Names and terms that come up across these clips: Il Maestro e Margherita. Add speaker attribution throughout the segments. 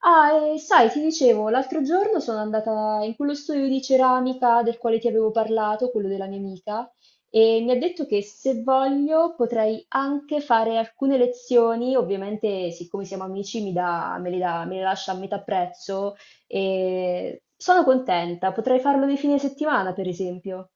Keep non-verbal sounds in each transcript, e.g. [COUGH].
Speaker 1: Ah, e sai, ti dicevo, l'altro giorno sono andata in quello studio di ceramica del quale ti avevo parlato, quello della mia amica, e mi ha detto che se voglio potrei anche fare alcune lezioni, ovviamente siccome siamo amici mi dà- me le lascia a metà prezzo e sono contenta, potrei farlo nei fine settimana, per esempio.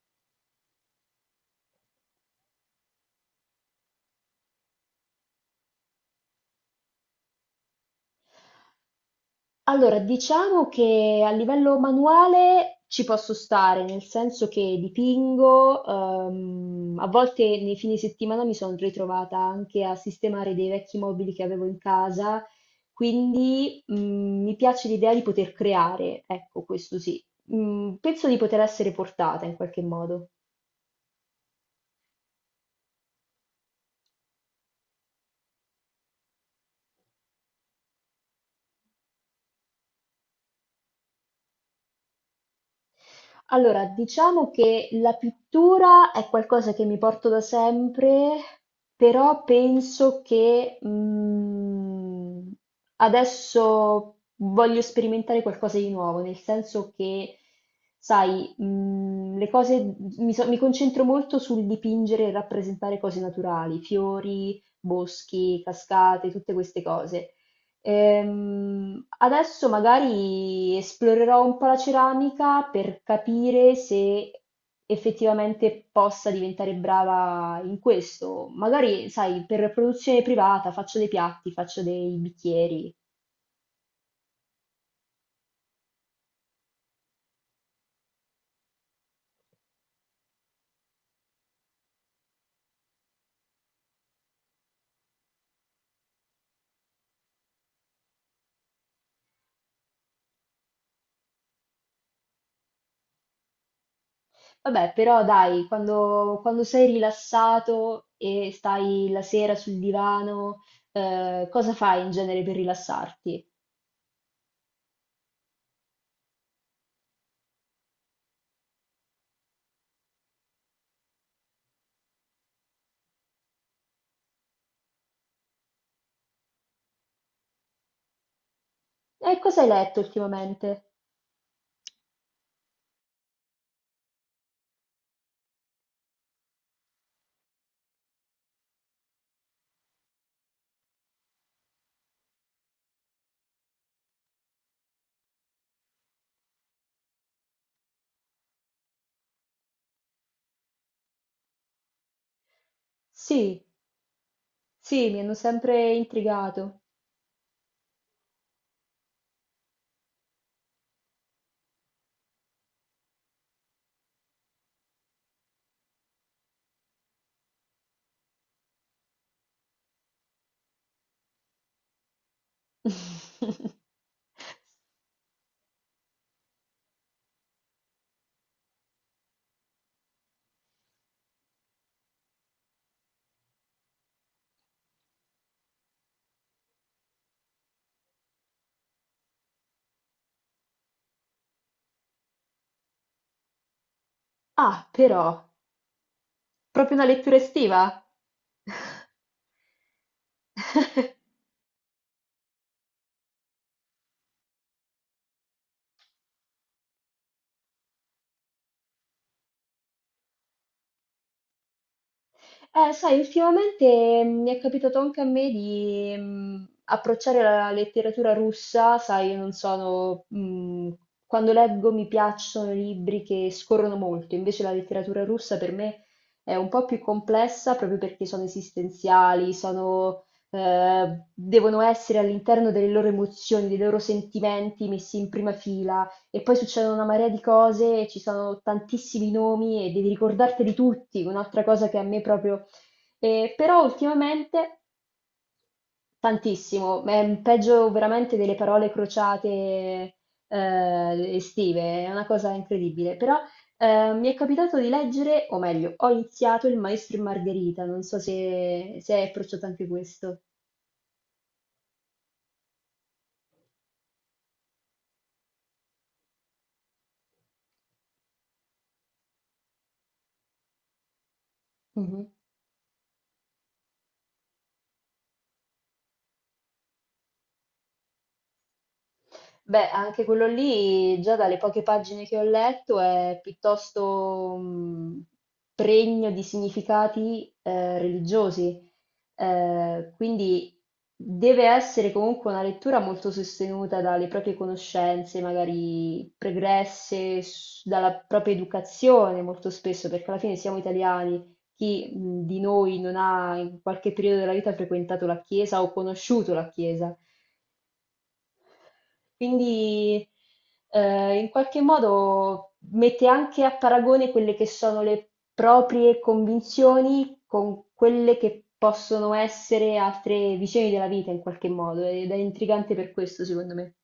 Speaker 1: Allora, diciamo che a livello manuale ci posso stare, nel senso che dipingo, a volte nei fine settimana mi sono ritrovata anche a sistemare dei vecchi mobili che avevo in casa, quindi mi piace l'idea di poter creare, ecco, questo sì. Penso di poter essere portata in qualche modo. Allora, diciamo che la pittura è qualcosa che mi porto da sempre, però penso che adesso voglio sperimentare qualcosa di nuovo, nel senso che, sai, le cose, mi, so- mi concentro molto sul dipingere e rappresentare cose naturali, fiori, boschi, cascate, tutte queste cose. Adesso magari esplorerò un po' la ceramica per capire se effettivamente possa diventare brava in questo. Magari, sai, per produzione privata faccio dei piatti, faccio dei bicchieri. Vabbè, però dai, quando sei rilassato e stai la sera sul divano, cosa fai in genere per rilassarti? E cosa hai letto ultimamente? Sì, sì, mi hanno sempre intrigato. [LAUGHS] Ah, però, proprio una lettura estiva? [LAUGHS] Sai, ultimamente mi è capitato anche a me di approcciare la letteratura russa, sai, non sono, quando leggo mi piacciono i libri che scorrono molto, invece la letteratura russa per me è un po' più complessa proprio perché sono esistenziali, sono, devono essere all'interno delle loro emozioni, dei loro sentimenti messi in prima fila. E poi succedono una marea di cose, ci sono tantissimi nomi e devi ricordarteli tutti, un'altra cosa che a me proprio... però ultimamente tantissimo, è un peggio veramente delle parole crociate estive, è una cosa incredibile. Però mi è capitato di leggere, o meglio, ho iniziato Il Maestro e Margherita, non so se, se hai approcciato anche questo. Mhm. Beh, anche quello lì, già dalle poche pagine che ho letto, è piuttosto pregno di significati religiosi, eh, quindi deve essere comunque una lettura molto sostenuta dalle proprie conoscenze, magari pregresse, dalla propria educazione molto spesso, perché alla fine siamo italiani. Chi di noi non ha in qualche periodo della vita frequentato la chiesa o conosciuto la chiesa? Quindi in qualche modo mette anche a paragone quelle che sono le proprie convinzioni con quelle che possono essere altre visioni della vita in qualche modo ed è intrigante per questo, secondo me.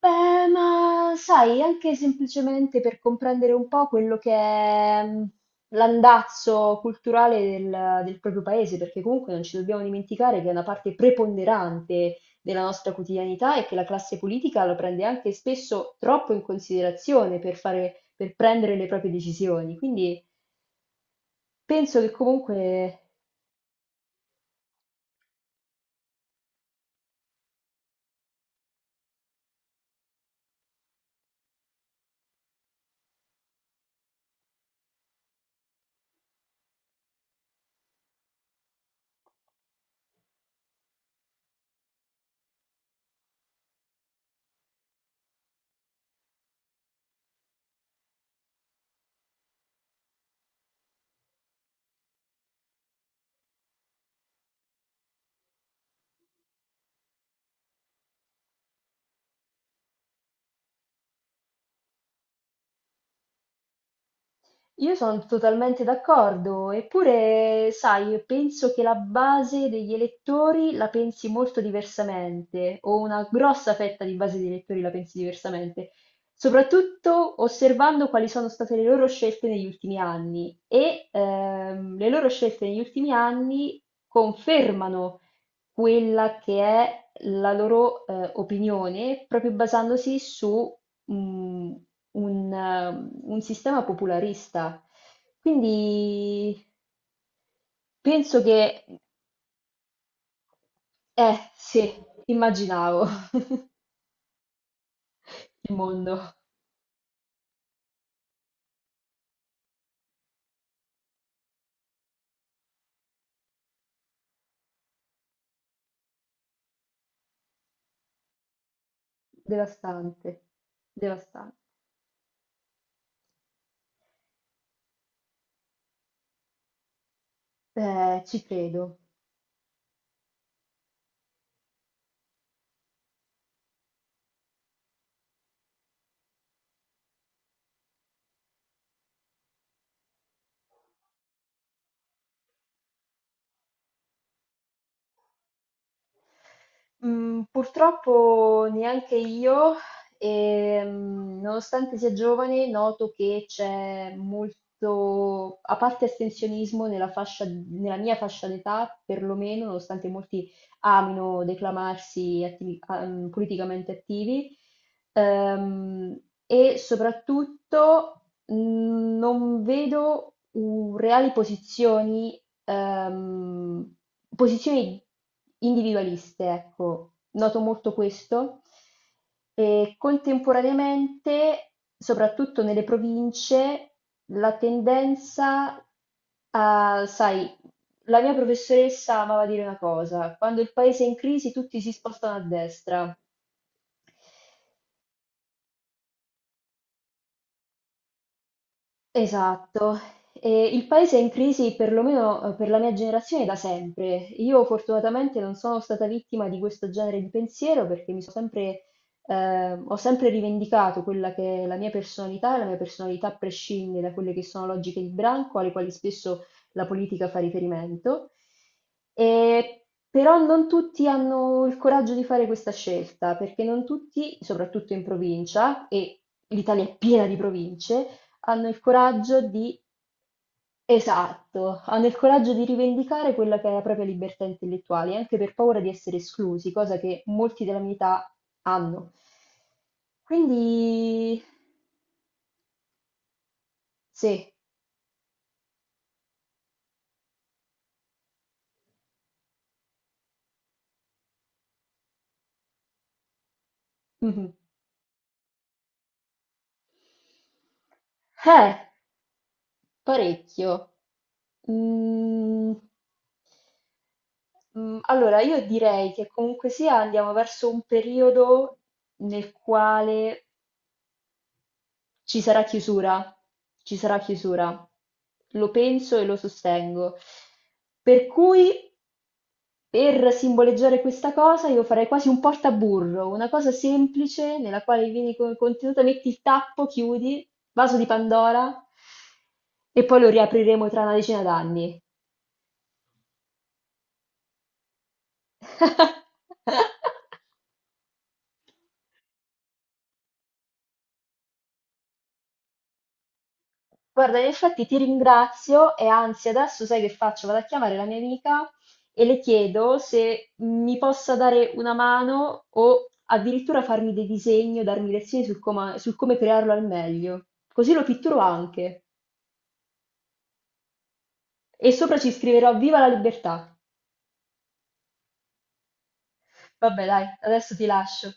Speaker 1: Beh, ma sai, anche semplicemente per comprendere un po' quello che è l'andazzo culturale del proprio paese, perché comunque non ci dobbiamo dimenticare che è una parte preponderante della nostra quotidianità e che la classe politica lo prende anche spesso troppo in considerazione per fare, per prendere le proprie decisioni. Quindi penso che comunque io sono totalmente d'accordo, eppure, sai, penso che la base degli elettori la pensi molto diversamente, o una grossa fetta di base degli elettori la pensi diversamente, soprattutto osservando quali sono state le loro scelte negli ultimi anni. E le loro scelte negli ultimi anni confermano quella che è la loro opinione, proprio basandosi su mm, un sistema popolarista. Quindi penso che, eh sì, immaginavo [LAUGHS] il mondo devastante, devastante. Ci credo. Mhmm, purtroppo neanche io, nonostante sia giovane, noto che c'è molto, a parte astensionismo nella fascia nella mia fascia d'età, perlomeno, nonostante molti amino declamarsi attivi a politicamente attivi. Ehm, e soprattutto non vedo u- reali posizioni, posizioni individualiste, ecco. Noto molto questo. E contemporaneamente, soprattutto nelle province, la tendenza a, sai, la mia professoressa amava dire una cosa, quando il paese è in crisi tutti si spostano a destra. Esatto, e il paese è in crisi perlomeno per la mia generazione da sempre. Io fortunatamente non sono stata vittima di questo genere di pensiero perché mi sono sempre, ho sempre rivendicato quella che è la mia personalità e la mia personalità prescinde da quelle che sono logiche di branco alle quali spesso la politica fa riferimento. E però non tutti hanno il coraggio di fare questa scelta perché non tutti, soprattutto in provincia, e l'Italia è piena di province, hanno il coraggio di, esatto, hanno il coraggio di rivendicare quella che è la propria libertà intellettuale, anche per paura di essere esclusi, cosa che molti della mia età hanno. Quindi, sì, mhm. Eh, parecchio. Mm, allora, io direi che comunque sia andiamo verso un periodo nel quale ci sarà chiusura, ci sarà chiusura. Lo penso e lo sostengo. Per cui, per simboleggiare questa cosa, io farei quasi un portaburro, una cosa semplice nella quale vieni con il contenuto, metti il tappo, chiudi, vaso di Pandora e poi lo riapriremo tra una decina d'anni. [LAUGHS] Guarda, in effetti ti ringrazio e anzi adesso sai che faccio? Vado a chiamare la mia amica e le chiedo se mi possa dare una mano o addirittura farmi dei disegni o darmi lezioni sul, sul come crearlo al meglio. Così lo pitturo anche. E sopra ci scriverò Viva la libertà. Vabbè, dai, adesso ti lascio.